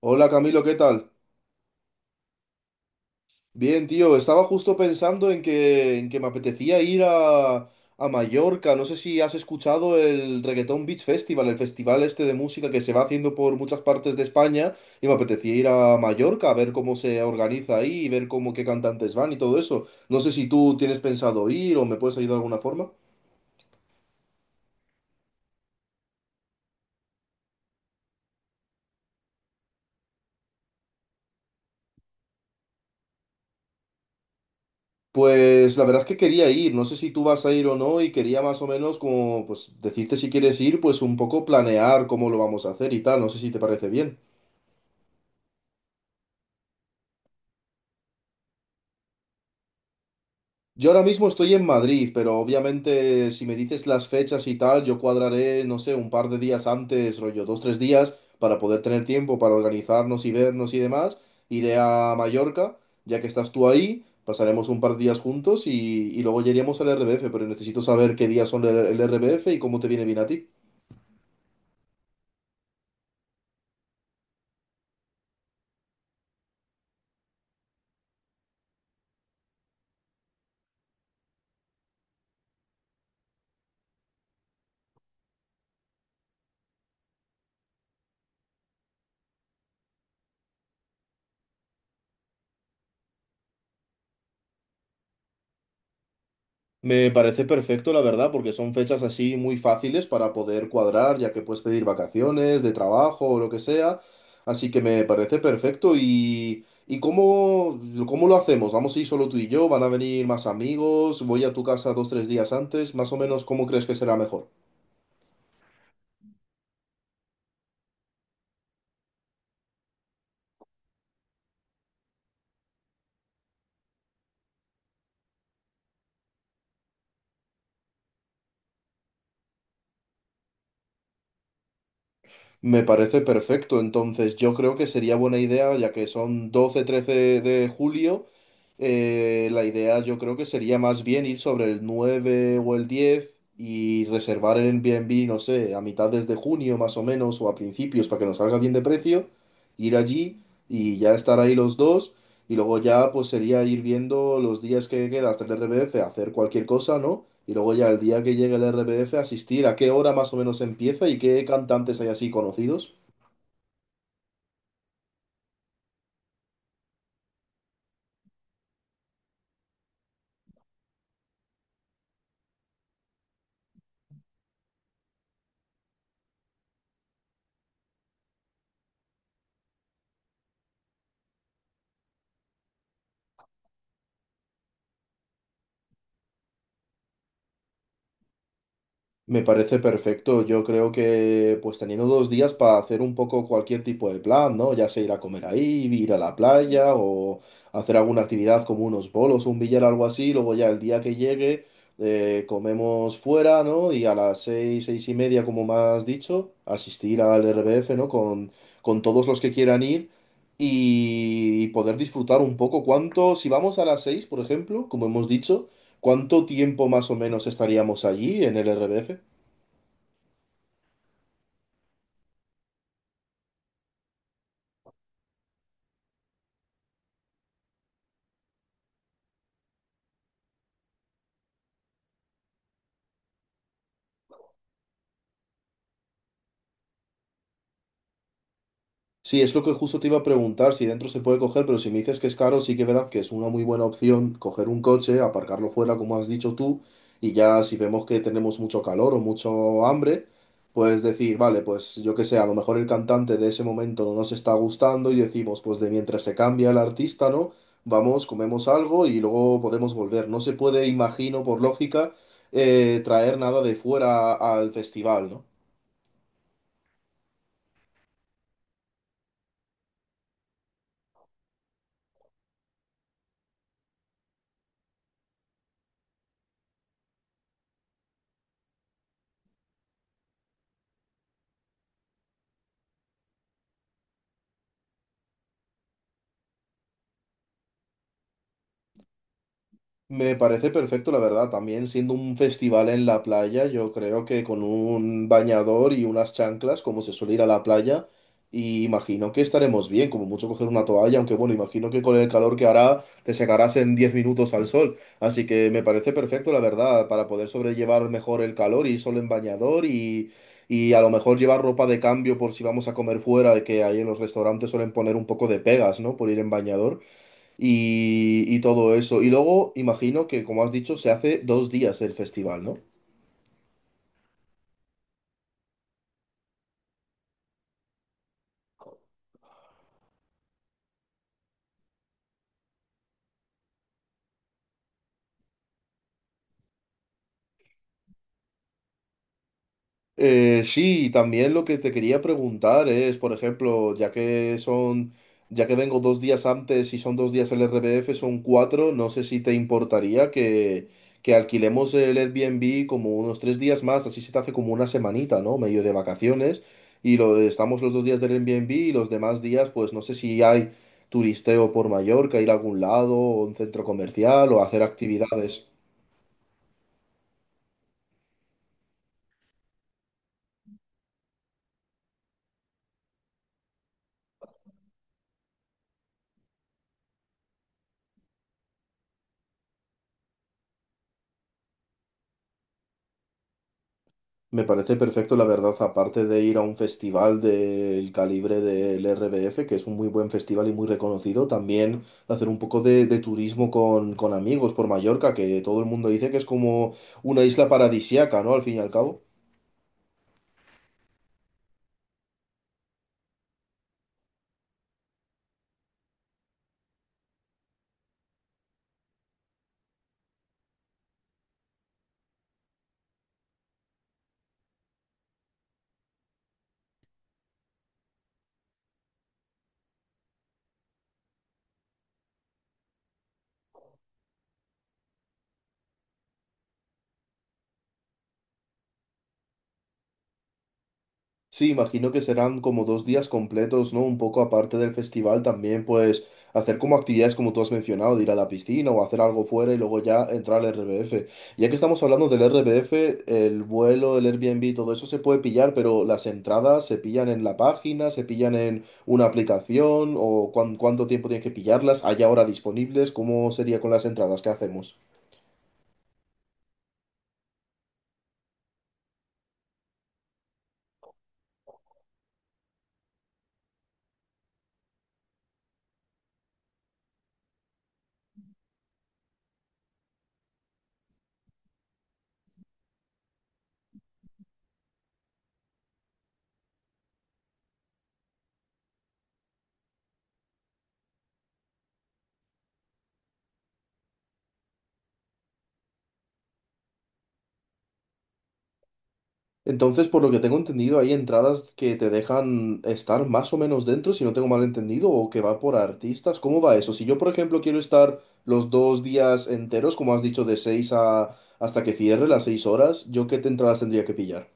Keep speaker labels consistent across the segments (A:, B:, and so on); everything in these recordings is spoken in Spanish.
A: Hola Camilo, ¿qué tal? Bien, tío, estaba justo pensando en que me apetecía ir a Mallorca. No sé si has escuchado el Reggaeton Beach Festival, el festival este de música que se va haciendo por muchas partes de España, y me apetecía ir a Mallorca a ver cómo se organiza ahí y ver cómo qué cantantes van y todo eso. No sé si tú tienes pensado ir o me puedes ayudar de alguna forma. Pues la verdad es que quería ir, no sé si tú vas a ir o no y quería más o menos como pues decirte si quieres ir, pues un poco planear cómo lo vamos a hacer y tal, no sé si te parece bien. Yo ahora mismo estoy en Madrid, pero obviamente si me dices las fechas y tal, yo cuadraré, no sé, un par de días antes, rollo, dos, tres días, para poder tener tiempo para organizarnos y vernos y demás. Iré a Mallorca, ya que estás tú ahí, pasaremos un par de días juntos y luego ya iríamos al RBF, pero necesito saber qué días son el RBF y cómo te viene bien a ti. Me parece perfecto, la verdad, porque son fechas así muy fáciles para poder cuadrar, ya que puedes pedir vacaciones, de trabajo o lo que sea. Así que me parece perfecto. ¿Y cómo lo hacemos? ¿Vamos a ir solo tú y yo? ¿Van a venir más amigos? ¿Voy a tu casa dos, tres días antes? Más o menos, ¿cómo crees que será mejor? Me parece perfecto. Entonces, yo creo que sería buena idea, ya que son 12-13 de julio. La idea yo creo que sería más bien ir sobre el 9 o el 10 y reservar el Airbnb, no sé, a mitades de junio más o menos o a principios para que nos salga bien de precio, ir allí y ya estar ahí los dos y luego ya pues sería ir viendo los días que queda hasta el RBF, hacer cualquier cosa, ¿no? Y luego ya el día que llegue el RBF asistir a qué hora más o menos empieza y qué cantantes hay así conocidos. Me parece perfecto. Yo creo que pues teniendo dos días para hacer un poco cualquier tipo de plan, ¿no? Ya sea ir a comer ahí, ir a la playa o hacer alguna actividad como unos bolos, un billar, algo así. Luego ya el día que llegue comemos fuera, ¿no? Y a las 6, seis y media, como me has dicho, asistir al RBF, ¿no? Con todos los que quieran ir y poder disfrutar un poco. ¿Cuánto, si vamos a las 6, por ejemplo, como hemos dicho, cuánto tiempo más o menos estaríamos allí en el RBF? Sí, es lo que justo te iba a preguntar, si dentro se puede coger, pero si me dices que es caro, sí que verás que es una muy buena opción coger un coche, aparcarlo fuera, como has dicho tú, y ya si vemos que tenemos mucho calor o mucho hambre, pues decir, vale, pues yo que sé, a lo mejor el cantante de ese momento no nos está gustando y decimos, pues de mientras se cambia el artista, ¿no? Vamos, comemos algo y luego podemos volver. No se puede, imagino, por lógica, traer nada de fuera al festival, ¿no? Me parece perfecto, la verdad. También siendo un festival en la playa, yo creo que con un bañador y unas chanclas, como se suele ir a la playa, y imagino que estaremos bien, como mucho coger una toalla, aunque bueno, imagino que con el calor que hará te secarás en 10 minutos al sol. Así que me parece perfecto, la verdad, para poder sobrellevar mejor el calor, ir solo en bañador y a lo mejor llevar ropa de cambio por si vamos a comer fuera, que ahí en los restaurantes suelen poner un poco de pegas, ¿no? Por ir en bañador y todo eso. Y luego, imagino que, como has dicho, se hace dos días el festival, ¿no? Sí, y también lo que te quería preguntar es, por ejemplo, ya que vengo dos días antes y son dos días el RBF, son cuatro, no sé si te importaría que alquilemos el Airbnb como unos tres días más, así se te hace como una semanita, ¿no? Medio de vacaciones, y lo, estamos los dos días del Airbnb y los demás días, pues no sé si hay turisteo por Mallorca, ir a algún lado, o un centro comercial, o hacer actividades. Me parece perfecto, la verdad, aparte de ir a un festival del calibre del RBF, que es un muy buen festival y muy reconocido, también hacer un poco de turismo con amigos por Mallorca, que todo el mundo dice que es como una isla paradisiaca, ¿no? Al fin y al cabo. Sí, imagino que serán como dos días completos, ¿no? Un poco aparte del festival también, pues hacer como actividades como tú has mencionado, de ir a la piscina o hacer algo fuera y luego ya entrar al RBF. Ya que estamos hablando del RBF, el vuelo, el Airbnb, todo eso se puede pillar, pero las entradas se pillan en la página, se pillan en una aplicación o cuánto tiempo tienes que pillarlas, hay ahora disponibles, ¿cómo sería con las entradas? ¿Qué hacemos? Entonces, por lo que tengo entendido, hay entradas que te dejan estar más o menos dentro, si no tengo mal entendido, o que va por artistas. ¿Cómo va eso? Si yo, por ejemplo, quiero estar los dos días enteros, como has dicho, de 6 a hasta que cierre las 6 horas, ¿yo entradas tendría que pillar?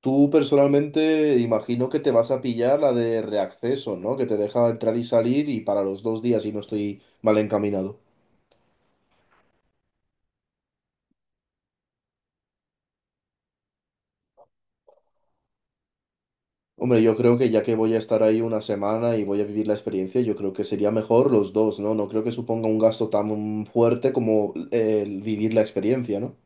A: Tú personalmente imagino que te vas a pillar la de reacceso, ¿no? Que te deja entrar y salir y para los dos días y no estoy mal encaminado. Hombre, yo creo que ya que voy a estar ahí una semana y voy a vivir la experiencia, yo creo que sería mejor los dos, ¿no? No creo que suponga un gasto tan fuerte como el vivir la experiencia, ¿no?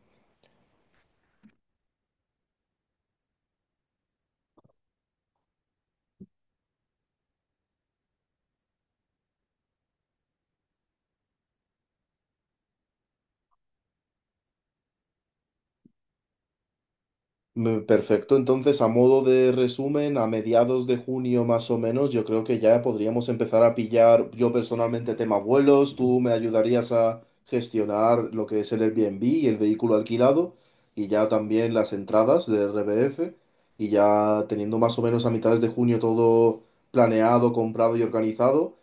A: Perfecto, entonces a modo de resumen, a mediados de junio más o menos, yo creo que ya podríamos empezar a pillar yo personalmente tema vuelos, tú me ayudarías a gestionar lo que es el Airbnb y el vehículo alquilado y ya también las entradas de RBF y ya teniendo más o menos a mitades de junio todo planeado, comprado y organizado,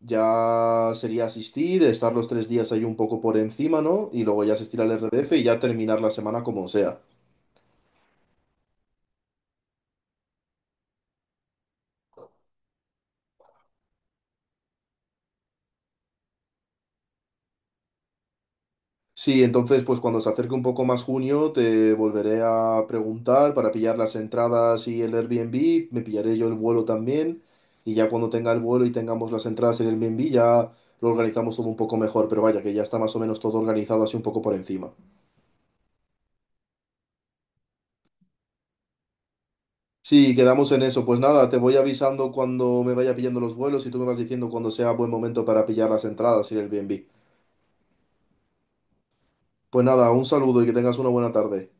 A: ya sería asistir, estar los tres días ahí un poco por encima, ¿no? Y luego ya asistir al RBF y ya terminar la semana como sea. Sí, entonces pues cuando se acerque un poco más junio te volveré a preguntar para pillar las entradas y el Airbnb, me pillaré yo el vuelo también y ya cuando tenga el vuelo y tengamos las entradas en el Airbnb ya lo organizamos todo un poco mejor, pero vaya que ya está más o menos todo organizado así un poco por encima. Sí, quedamos en eso, pues nada, te voy avisando cuando me vaya pillando los vuelos y tú me vas diciendo cuando sea buen momento para pillar las entradas y el Airbnb. Pues nada, un saludo y que tengas una buena tarde.